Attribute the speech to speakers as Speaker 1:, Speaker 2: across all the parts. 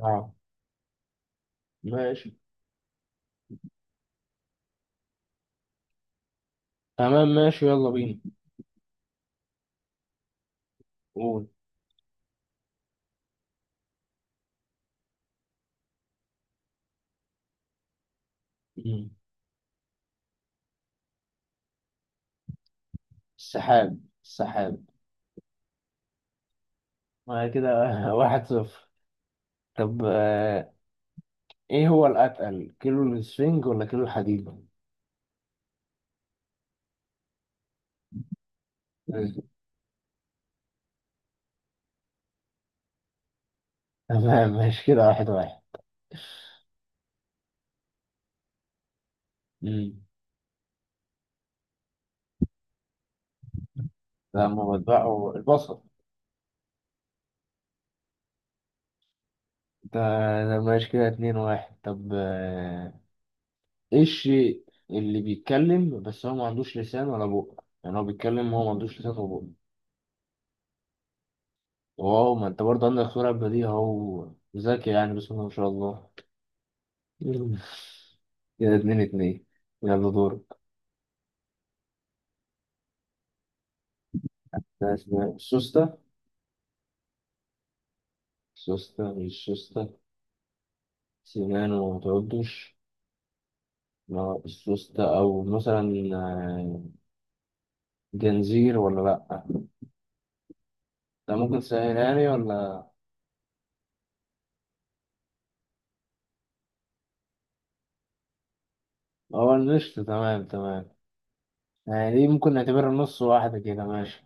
Speaker 1: اه. ماشي. تمام، ماشي، يلا بينا. قول. مم. السحاب السحاب. آه، كده. واحد صفر. طب، ايه هو الأتقل، كيلو السفنج ولا كيلو الحديد؟ مم. تمام، ماشي، كده واحد واحد. مم. لما بتبقوا البصل. ده ده ماشي، كده اتنين واحد. طب، ايه الشيء اللي بيتكلم بس هو ما عندوش لسان ولا بق؟ يعني هو بيتكلم وهو ما عندوش لسان ولا بق. واو، ما انت برضه عندك سرعة بديهة اهو. ذكي يعني، بسم الله ما شاء الله. مم. كده اتنين اتنين. يلا، دورك. لا، اسمها السوستة. السوستة مش سوستة. سنان وما تعدش. ما السوستة، أو مثلا آه، جنزير ولا لأ؟ ده ممكن تسهلها لي ولا؟ هو النشط، تمام تمام. يعني دي ممكن نعتبرها نص واحدة كده ماشي.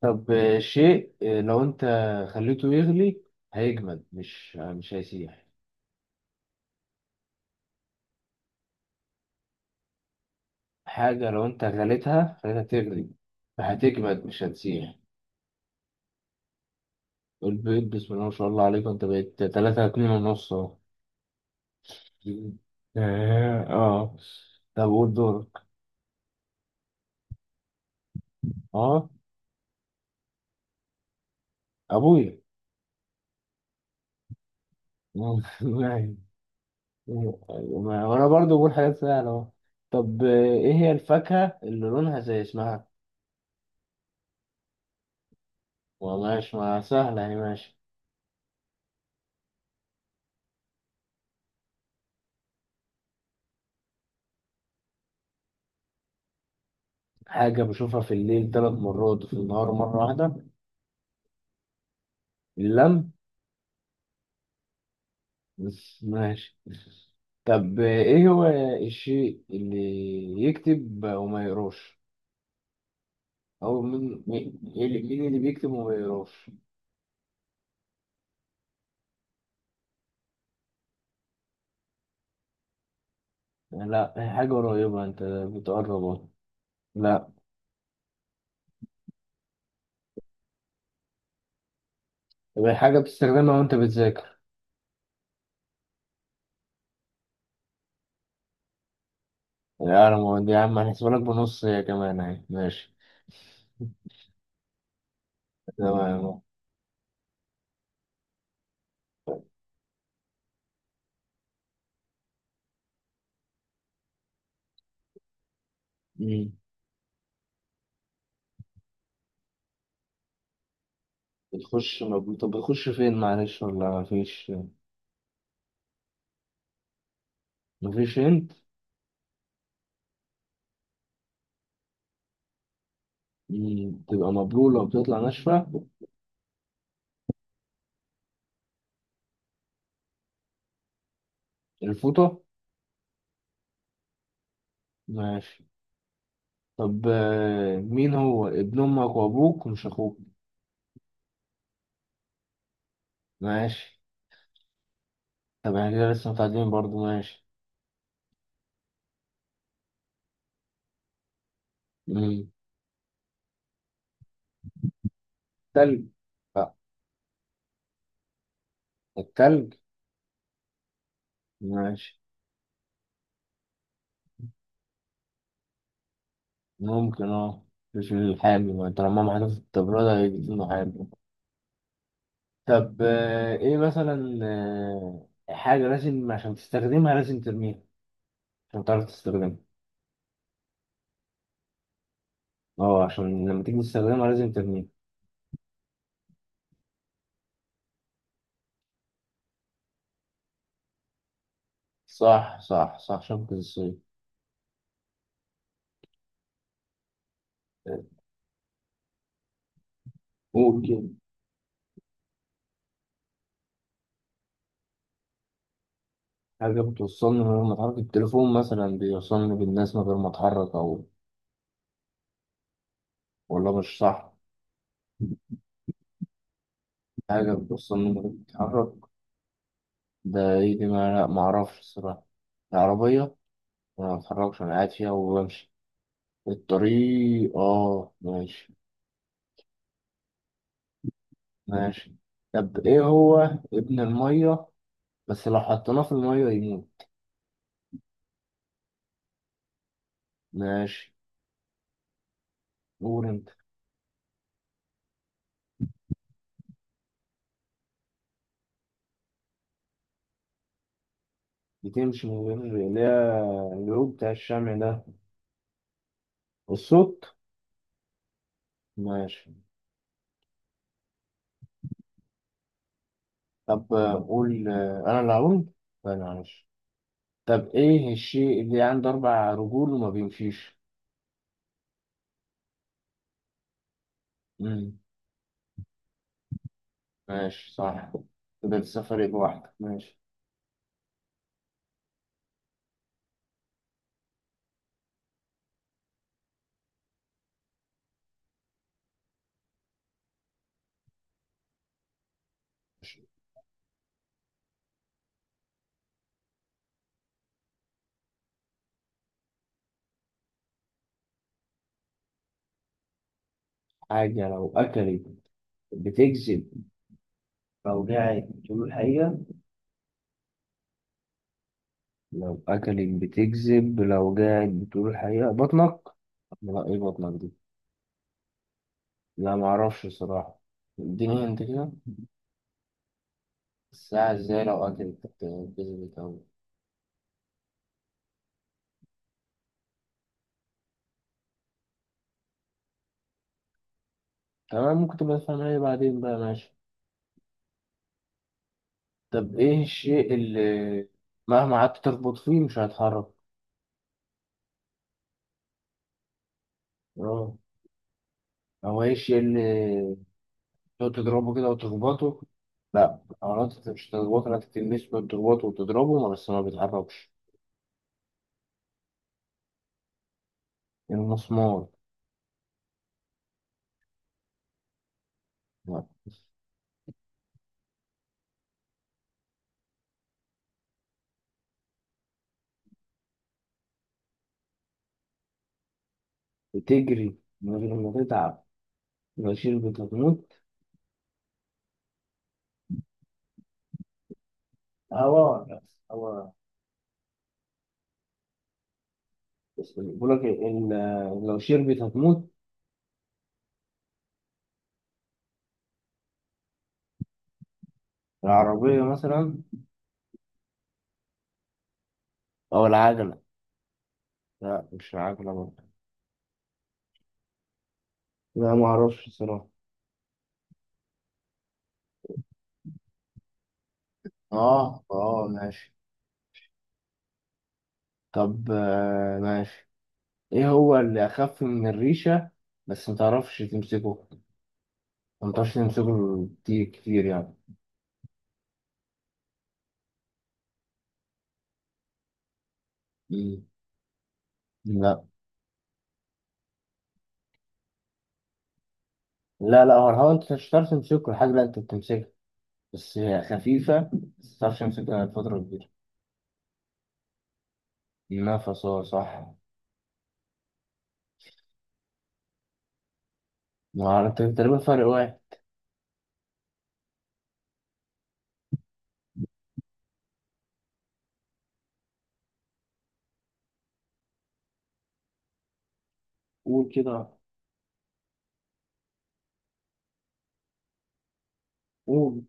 Speaker 1: طب، شيء، لو أنت خليته يغلي، هيجمد، مش هيسيح. حاجة لو أنت غليتها خليتها تغلي، فهتجمد مش هتسيح. البيض، بسم الله ما شاء الله عليك، انت بقيت تلاتة اتنين ونص اهو. اه. آه. طب قول دورك. اه. ابويا. معي. وانا برضو بقول حاجات سهلة اهو. طب، ايه هي الفاكهة اللي لونها زي اسمها؟ وماشي، ما سهلة يعني، ماشي. حاجة بشوفها في الليل 3 مرات، وفي النهار مرة واحدة. اللم. بس ماشي. طب، ايه هو الشيء اللي يكتب وما يقراش؟ أو مين، إيه اللي، مين اللي بيكتب وما بيقراش؟ لا، هي حاجة قريبة، أنت بتقرب أهو. لا. طب، هي حاجة بتستخدمها وأنت بتذاكر. لا، أنا ما يا عم، هنحسبها لك بنص هي كمان أهي، ماشي. تمام. مم. بتخش طب بتخش فين؟ معلش، ولا مفيش؟ مفيش هنت. تبقى مبلولة وبتطلع ناشفة. الفوطة. ماشي. طب، مين هو ابن أمك وأبوك، مش أخوك؟ ماشي. طب احنا كده لسه متعادلين برضو، ماشي. مم. تلج. التلج. ماشي. ممكن، اه. مش الحامي؟ ما طالما ما حدث التبرد هيجيب له حامي. طب، ايه مثلا، حاجة لازم عشان تستخدمها لازم ترميها، عشان تعرف تستخدمها. اه، عشان لما تيجي تستخدمها لازم ترميها. صح صح صح، شبكة الصيد. قول كده. حاجة بتوصلني من غير ما اتحرك، التليفون مثلا بيوصلني بالناس من غير ما اتحرك. او، والله مش صح. حاجة بتوصلني من غير ما اتحرك، ده ايه دي؟ ما لا، معرفش الصراحة. العربية، أنا ما بتحركش، أنا قاعد فيها وبمشي. الطريق، آه، ماشي. ماشي. طب إيه هو ابن المية، بس لو حطيناه في المية يموت؟ ماشي. قول أنت. بتمشي من غير، اللي هي الجروب بتاع الشمع ده، الصوت. ماشي. طب، قول. أنا اللي هقول. لا، معلش. طب إيه الشيء اللي عنده 4 رجول وما بيمشيش؟ مم. ماشي، صح. كده لسه فارق بواحدة، ماشي. حاجة لو أكلت بتجذب، لو قاعد بتقول الحقيقة. لو أكلك بتكذب، لو قاعد بتقول الحقيقة بطنك. لا، إيه بطنك دي؟ لا، معرفش الصراحة. اديني انت كده. الساعة ازاي؟ لو أكلك كذبت أوي. تمام، ممكن تبقى تفهمها لي بعدين بقى، ماشي. طب إيه الشيء اللي مهما قعدت تخبط فيه مش هيتحرك؟ اه. هو إيه الشيء اللي تقعد تضربه كده وتخبطه؟ لا، حيوانات؟ انت مش هتخبطه، لا تلمسه ولا تخبطه وتضربه بس ما بيتحركش. المسمار. لا، بتجري من غير ما تتعب، لو شربت هتموت. هو هو. بس بيقول لك لو شربت هتموت. العربية مثلا؟ أو العجلة؟ لا، مش العجلة برضه. لا، ما أعرفش الصراحة. آه، آه، ماشي. طب، ماشي، إيه هو اللي أخف من الريشة، بس ما تعرفش تمسكه؟ ما تعرفش تمسكه كتير كتير يعني. مم. لا، لا، لا هو الهوا، أنت مش هتعرف تمسكه. الحاجة لا، أنت بتمسكها، بس هي خفيفة، بس متعرفش أمسكها فترة كبيرة. نفس، هو صح. ما أعرف، تقريبا فرق واحد. قول كده. قول.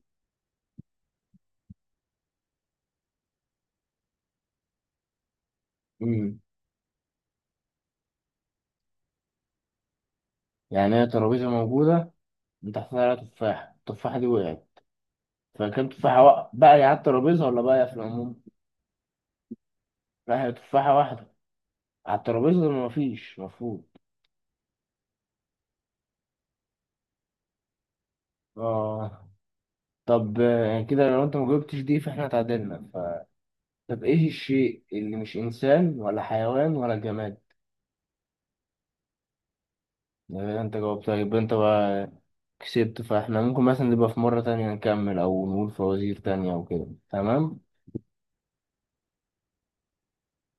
Speaker 1: مم. يعني هي ترابيزة موجودة، من تحتها عليها تفاحة، التفاحة دي وقعت، فكان تفاحة بقى على الترابيزة، ولا بقى في العموم؟ لا، هي تفاحة واحدة، على الترابيزة مفيش مفروض. آه. طب، كده لو أنت ما جاوبتش دي فإحنا اتعادلنا طب إيه الشيء اللي مش إنسان ولا حيوان ولا جماد؟ يعني أنت جاوبتها، يبقى أنت بقى كسبت، فاحنا ممكن مثلا نبقى في مرة تانية نكمل، أو نقول فوازير تانية أو كده، تمام.